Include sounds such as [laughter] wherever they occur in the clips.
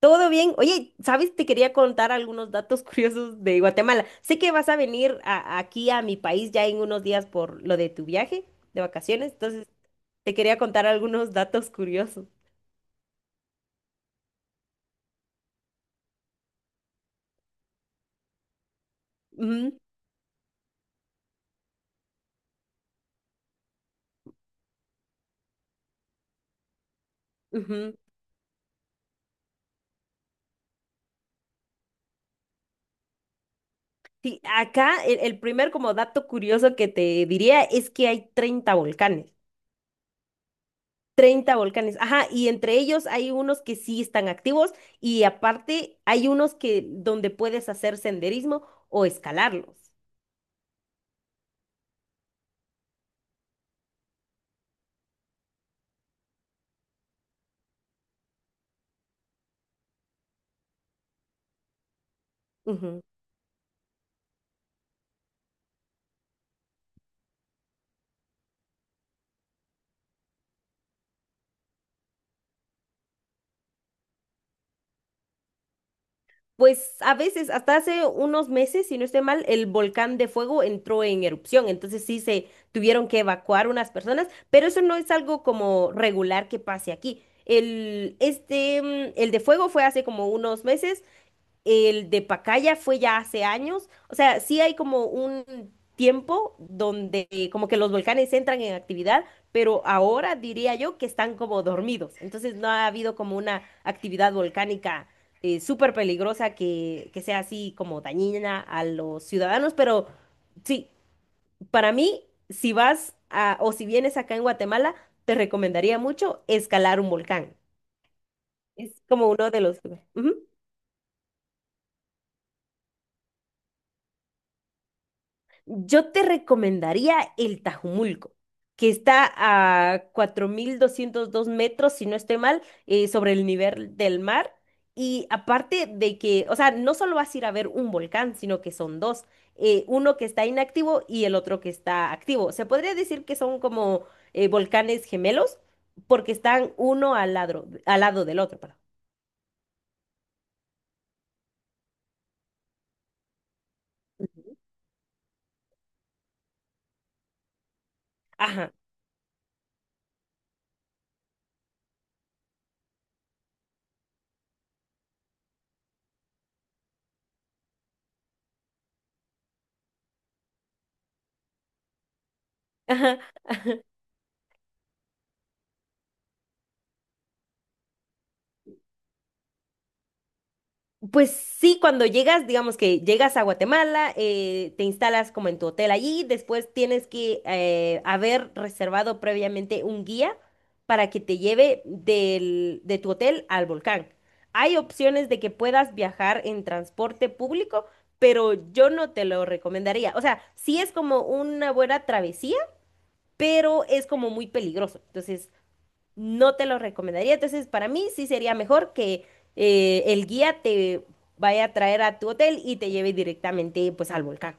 Todo bien. Oye, ¿sabes? Te quería contar algunos datos [laughs] curiosos de Guatemala. Sé que vas a venir aquí a mi país ya en unos días por lo de tu viaje de vacaciones, entonces te quería contar algunos datos curiosos. Ujú, ujú. Sí, acá el primer como dato curioso que te diría es que hay 30 volcanes. 30 volcanes. Ajá, y entre ellos hay unos que sí están activos y aparte hay unos que donde puedes hacer senderismo o escalarlos. Pues a veces, hasta hace unos meses, si no estoy mal, el volcán de fuego entró en erupción, entonces sí se tuvieron que evacuar unas personas, pero eso no es algo como regular que pase aquí. Este, el de fuego fue hace como unos meses, el de Pacaya fue ya hace años. O sea, sí hay como un tiempo donde como que los volcanes entran en actividad, pero ahora diría yo que están como dormidos. Entonces no ha habido como una actividad volcánica súper peligrosa que sea así como dañina a los ciudadanos. Pero sí, para mí, si o si vienes acá en Guatemala, te recomendaría mucho escalar un volcán. Es como uno de los... Ujú. Yo te recomendaría el Tajumulco, que está a 4202 metros, si no estoy mal, sobre el nivel del mar. Y aparte de que, o sea, no solo vas a ir a ver un volcán, sino que son dos, uno que está inactivo y el otro que está activo. Se podría decir que son como volcanes gemelos, porque están uno al lado del otro, perdón. Ajá, ajá. Pues sí, cuando llegas, digamos que llegas a Guatemala, te instalas como en tu hotel allí, después tienes que haber reservado previamente un guía para que te lleve de tu hotel al volcán. Hay opciones de que puedas viajar en transporte público, pero yo no te lo recomendaría. O sea, sí es como una buena travesía, pero es como muy peligroso. Entonces, no te lo recomendaría. Entonces, para mí sí sería mejor que el guía te vaya a traer a tu hotel y te lleve directamente pues al volcán.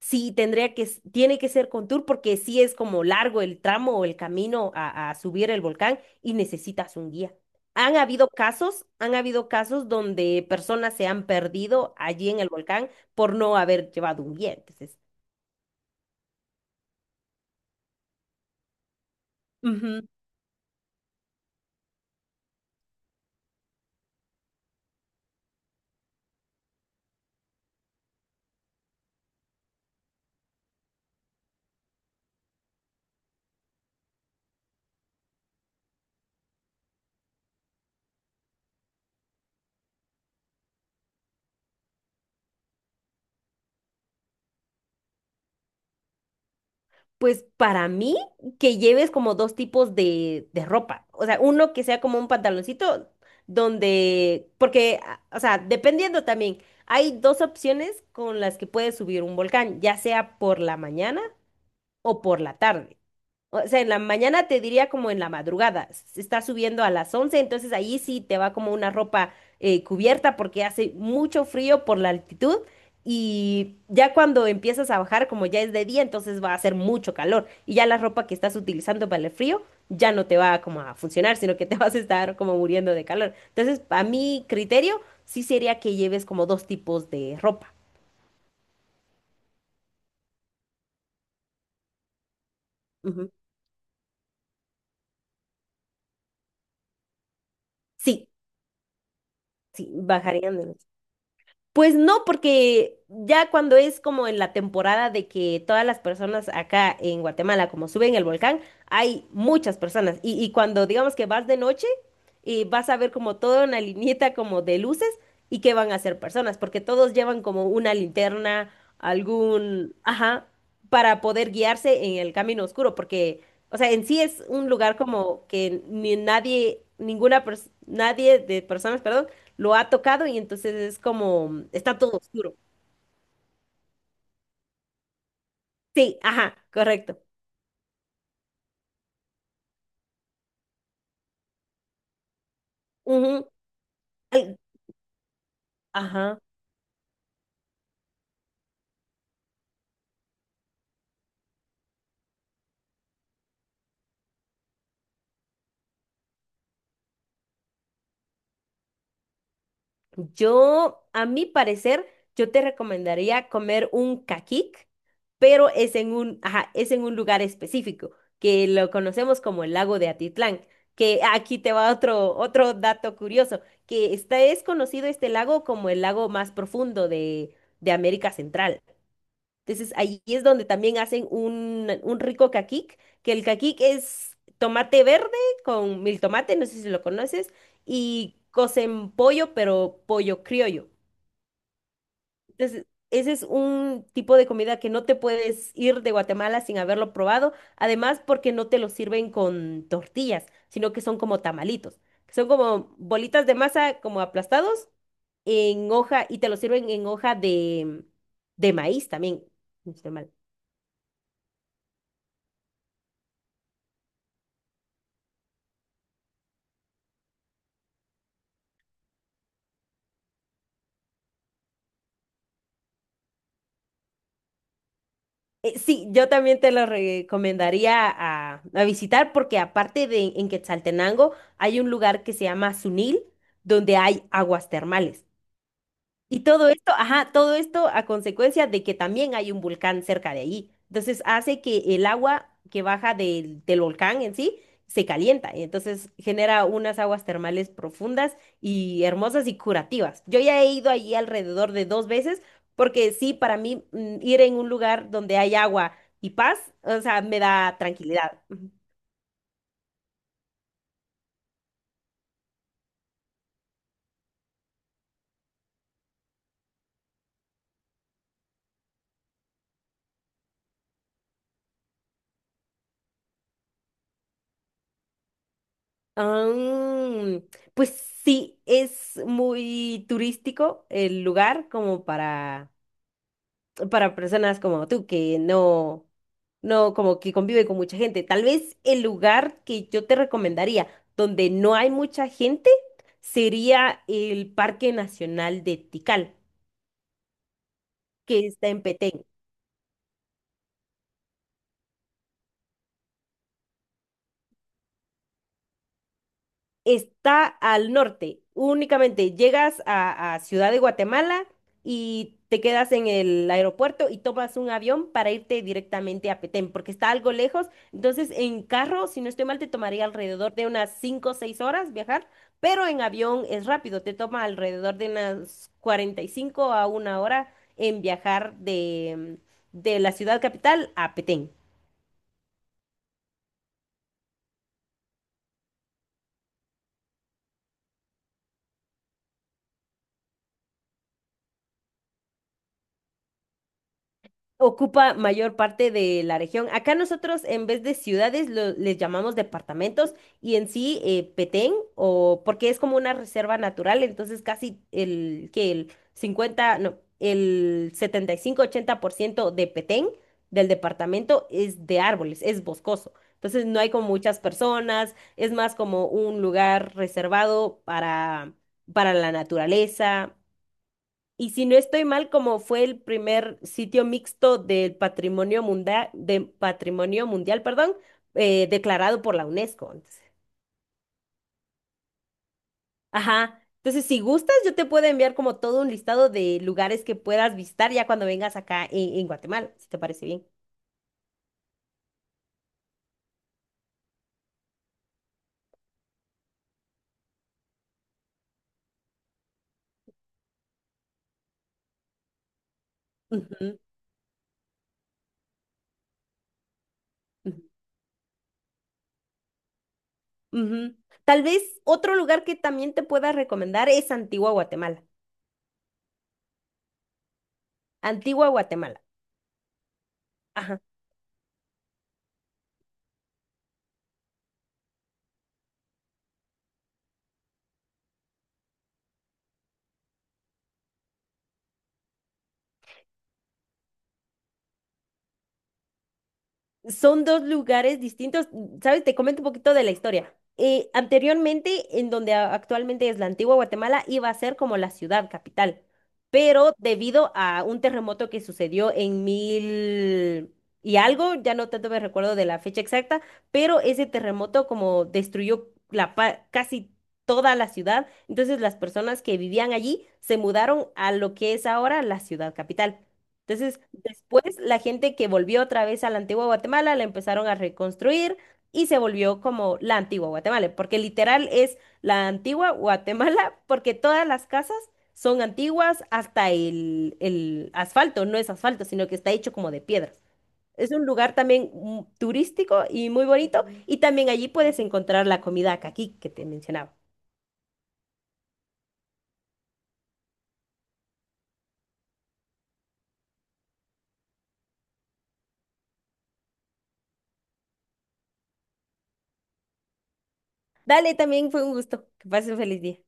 Sí, tendría que, tiene que ser con tour porque sí es como largo el tramo o el camino a subir el volcán y necesitas un guía. Han habido casos donde personas se han perdido allí en el volcán por no haber llevado un guía. Entonces, ujú. Pues para mí, que lleves como dos tipos de ropa. O sea, uno que sea como un pantaloncito donde, porque, o sea, dependiendo también, hay dos opciones con las que puedes subir un volcán, ya sea por la mañana o por la tarde. O sea, en la mañana te diría como en la madrugada, se está subiendo a las 11, entonces ahí sí te va como una ropa cubierta porque hace mucho frío por la altitud y ya cuando empiezas a bajar, como ya es de día, entonces va a hacer mucho calor y ya la ropa que estás utilizando para el frío ya no te va como a funcionar, sino que te [laughs] vas a estar como muriendo de calor. Entonces, a mi criterio, sí sería que lleves como dos tipos de ropa. Ujú. Sí, sí, bajarían de los. Pues no, porque ya cuando es como en la temporada de que todas las personas acá en Guatemala, como suben el volcán, hay muchas personas. Y cuando digamos que vas de noche, y vas a ver como toda una lineita como de luces y que van a ser personas, porque todos llevan como una linterna, algún, ajá, para poder guiarse en el camino oscuro, porque, o sea, en sí es un lugar como que ni nadie, nadie de personas, perdón, lo ha tocado y entonces es como, está todo oscuro. Sí, ajá, correcto. Ujú. Ay, ajá. Yo, a mi parecer, yo te recomendaría comer un caquic, pero es en un, ajá, es en un lugar específico, que lo conocemos como el lago de Atitlán, que aquí te va otro, otro dato curioso, que está, es conocido este lago como el lago más profundo de América Central. Entonces ahí es donde también hacen un rico caquic, que el caquic es tomate verde con mil tomate, no sé si lo conoces, y cocen pollo, pero pollo criollo. Entonces, ese es un tipo de comida que no te puedes ir de Guatemala sin haberlo probado, además porque no te lo sirven con tortillas, sino que son como tamalitos, que son como bolitas de masa como aplastados en hoja y te lo sirven en hoja de maíz también. Este, eh, sí, yo también te lo recomendaría a visitar porque aparte de en Quetzaltenango hay un lugar que se llama Sunil donde hay aguas termales. Y todo esto, ajá, todo esto a consecuencia de que también hay un volcán cerca de ahí. Entonces hace que el agua que baja del volcán en sí se calienta, y entonces genera unas aguas termales profundas y hermosas y curativas. Yo ya he ido allí alrededor de dos veces porque sí, para mí ir en un lugar donde hay agua y paz, o sea, me da tranquilidad. Ujú. Ah, pues sí, es muy turístico el lugar como para personas como tú que no, no, como que convive con mucha gente. Tal vez el lugar que yo te recomendaría donde no hay mucha gente sería el Parque Nacional de Tikal, que está en Petén. Está al norte, únicamente llegas a Ciudad de Guatemala y te quedas en el aeropuerto y tomas un avión para irte directamente a Petén, porque está algo lejos. Entonces, en carro, si no estoy mal, te tomaría alrededor de unas 5 o 6 horas viajar, pero en avión es rápido, te toma alrededor de unas 45 a 1 hora en viajar de la ciudad capital a Petén. Ocupa mayor parte de la región. Acá nosotros en vez de ciudades les llamamos departamentos y en sí Petén o porque es como una reserva natural, entonces casi el que el 50 no, el 75 80% de Petén del departamento es de árboles, es boscoso. Entonces no hay como muchas personas, es más como un lugar reservado para la naturaleza. Y si no estoy mal, como fue el primer sitio mixto del patrimonio mundial, de patrimonio mundial, perdón, declarado por la UNESCO. Entonces, ajá. Entonces, si gustas, yo te puedo enviar como todo un listado de lugares que puedas visitar ya cuando vengas acá en Guatemala, si te parece bien. Ujú, ujú, ujú. Tal vez otro lugar que también te pueda recomendar es Antigua Guatemala. Antigua Guatemala. Ajá. Son dos lugares distintos. ¿Sabes? Te comento un poquito de la historia. Anteriormente, en donde actualmente es la Antigua Guatemala, iba a ser como la ciudad capital, pero debido a un terremoto que sucedió en mil y algo, ya no tanto me recuerdo de la fecha exacta, pero ese terremoto como destruyó la casi toda la ciudad, entonces las personas que vivían allí se mudaron a lo que es ahora la ciudad capital. Entonces, después la gente que volvió otra vez a la Antigua Guatemala la empezaron a reconstruir y se volvió como la Antigua Guatemala, porque literal es la Antigua Guatemala, porque todas las casas son antiguas hasta el asfalto, no es asfalto, sino que está hecho como de piedras. Es un lugar también turístico y muy bonito, y también allí puedes encontrar la comida caqui que te mencionaba. Dale, también fue un gusto. Que pases un feliz día.